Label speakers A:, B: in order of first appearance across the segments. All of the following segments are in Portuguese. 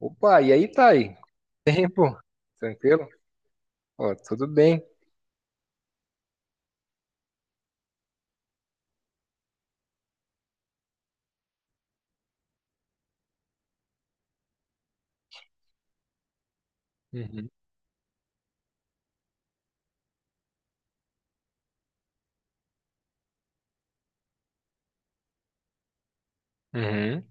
A: Opa, e aí, Thay? Tempo? Tranquilo? Ó, tudo bem. Uhum. Uhum.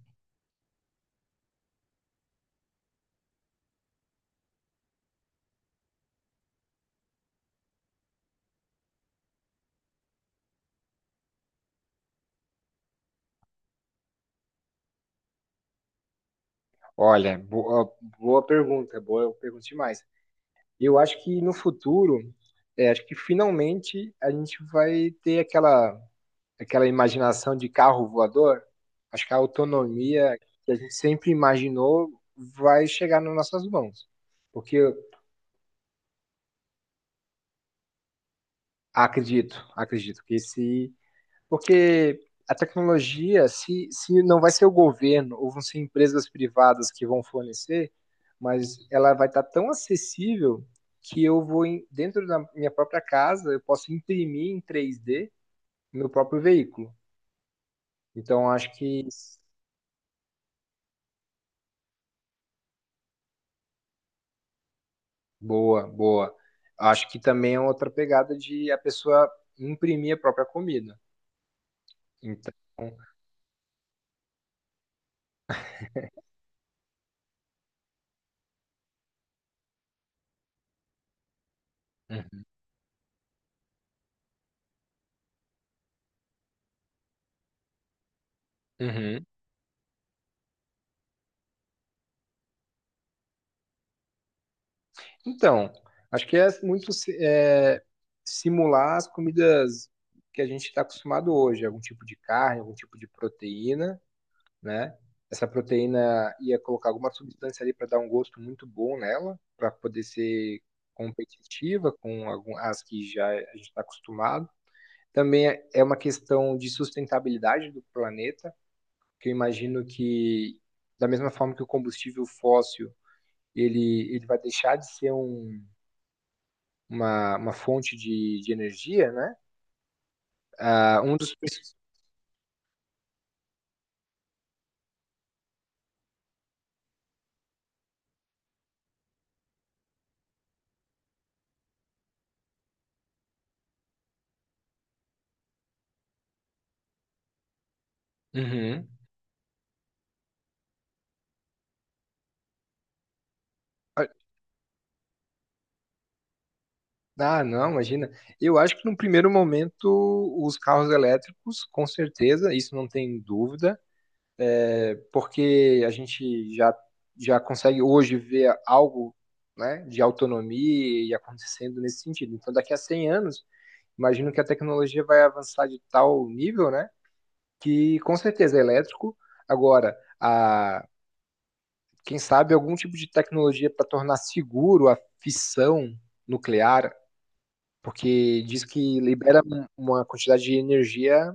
A: Olha, boa, boa pergunta demais. Eu acho que no futuro, acho que finalmente a gente vai ter aquela, aquela imaginação de carro voador. Acho que a autonomia que a gente sempre imaginou vai chegar nas nossas mãos. Porque eu acredito que esse. Porque a tecnologia, se não vai ser o governo ou vão ser empresas privadas que vão fornecer, mas ela vai estar tão acessível que eu vou, dentro da minha própria casa, eu posso imprimir em 3D meu próprio veículo. Então, acho que. Boa, boa. Acho que também é outra pegada de a pessoa imprimir a própria comida. Então. Uhum. Então, acho que é muito si- é, simular as comidas que a gente está acostumado hoje, algum tipo de carne, algum tipo de proteína, né? Essa proteína ia colocar alguma substância ali para dar um gosto muito bom nela, para poder ser competitiva com algum, as que já a gente está acostumado. Também é uma questão de sustentabilidade do planeta, que eu imagino que, da mesma forma que o combustível fóssil, ele vai deixar de ser um uma fonte de energia, né? Ah, um dos. princ- Uhum. Ah, não, imagina. Eu acho que no primeiro momento os carros elétricos, com certeza, isso não tem dúvida, porque já consegue hoje ver algo, né, de autonomia e acontecendo nesse sentido. Então, daqui a 100 anos, imagino que a tecnologia vai avançar de tal nível, né, que com certeza é elétrico. Agora, a, Quem sabe algum tipo de tecnologia para tornar seguro a fissão nuclear, porque diz que libera uma quantidade de energia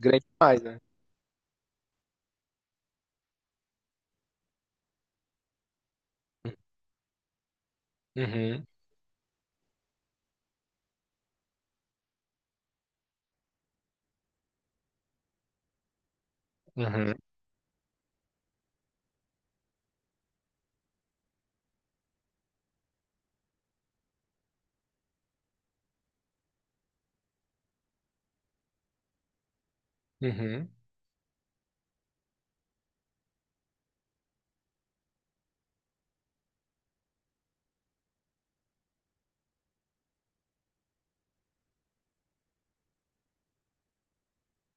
A: grande demais, né? Uhum, uhum, uhum.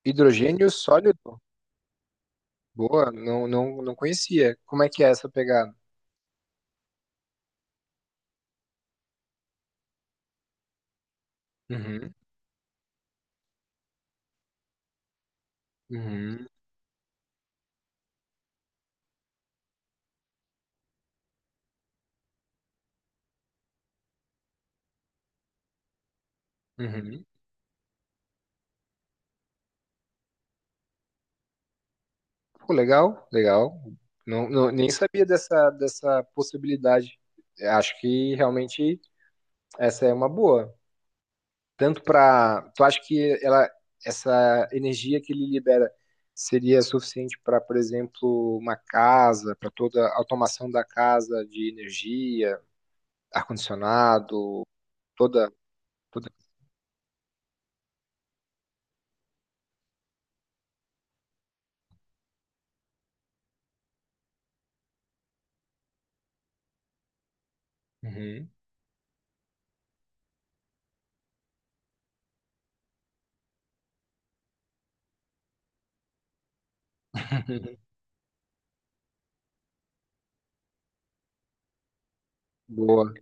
A: Hidrogênio sólido? Boa, não, não, não conhecia. Como é que é essa pegada? Uhum, uhum, uhum. Pô, legal, legal. Não, não, nem sabia dessa, dessa possibilidade. É. Acho que realmente essa é uma boa, tanto para. Tu acha que ela, essa energia que ele libera seria suficiente para, por exemplo, uma casa, para toda a automação da casa de energia, ar-condicionado, toda. Toda... Uhum. Boa.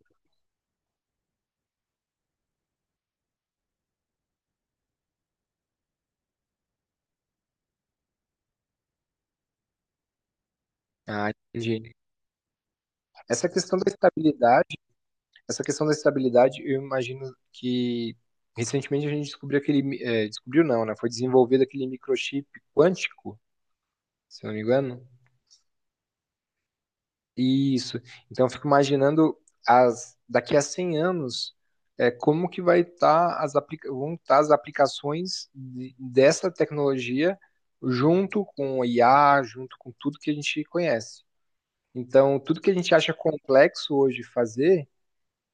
A: Ah, entendi. Essa questão da estabilidade, Essa questão da estabilidade, eu imagino que recentemente a gente descobriu aquele, descobriu não, né? Foi desenvolvido aquele microchip quântico, se eu não me engano. Isso. Então, eu fico imaginando daqui a 100 anos, como que vai estar vão estar as aplicações dessa tecnologia junto com o IA, junto com tudo que a gente conhece. Então, tudo que a gente acha complexo hoje fazer,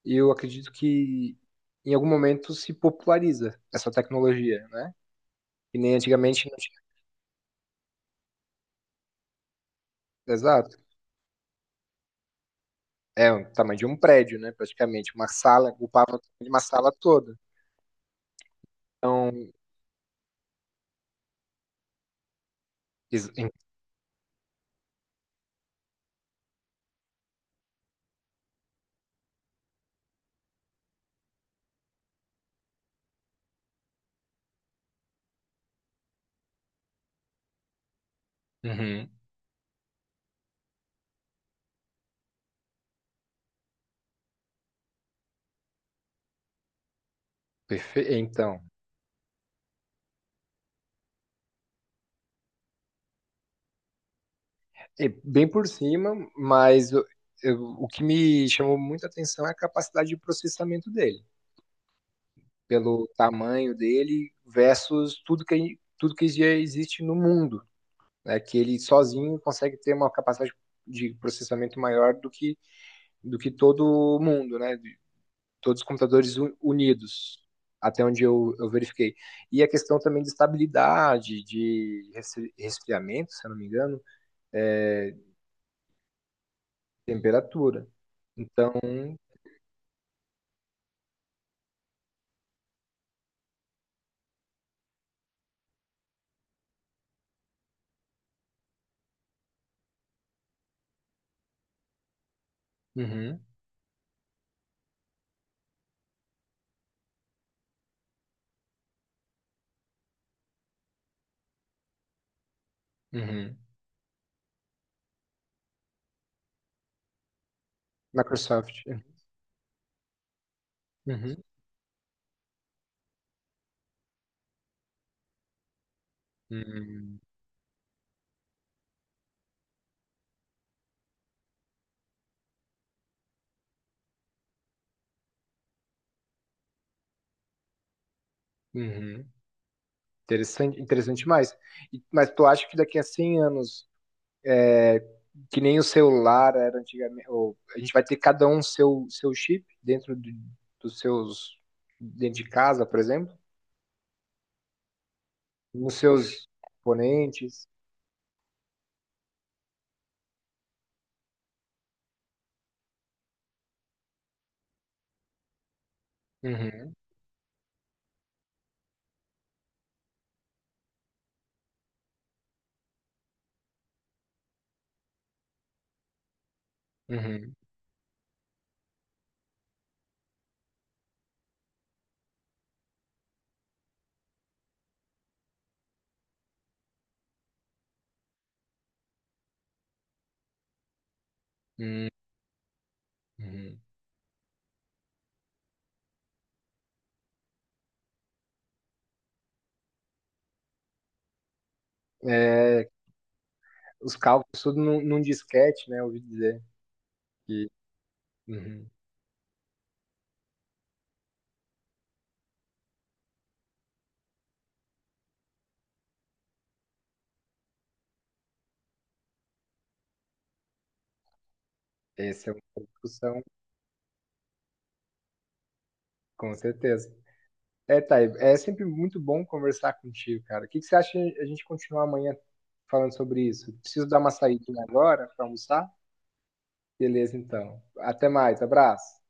A: eu acredito que em algum momento se populariza essa tecnologia, né? Que nem antigamente não tinha. Exato. É o tamanho de um prédio, né? Praticamente uma sala, ocupava o tamanho de uma sala toda. Então. Ex-. Uhum. Perfe-. Então, é bem por cima, mas o que me chamou muita atenção é a capacidade de processamento dele, pelo tamanho dele versus tudo que já existe no mundo, né? Que ele sozinho consegue ter uma capacidade de processamento maior do que todo o mundo, né? De todos os computadores unidos, até onde eu verifiquei. E a questão também de estabilidade, de resfriamento, se eu não me engano é, temperatura. Então. Uhum. Uhum. Microsoft. Uhum. Uhum. Uhum. Interessante, interessante mais. E. Mas tu acha que daqui a 100 anos, é, que nem o celular era antigamente, ou a gente vai ter cada um seu chip dos seus, dentro de casa, por exemplo, nos seus componentes. Uhum. Uhum. Uhum. Uhum. é, os cálculos, tudo num disquete, né? Eu ouvi dizer. Que. Uhum. Essa é uma discussão, com certeza. É, Thay, é sempre muito bom conversar contigo, cara. O que que você acha a gente continuar amanhã falando sobre isso? Preciso dar uma saída agora para almoçar? Beleza, então. Até mais, abraço.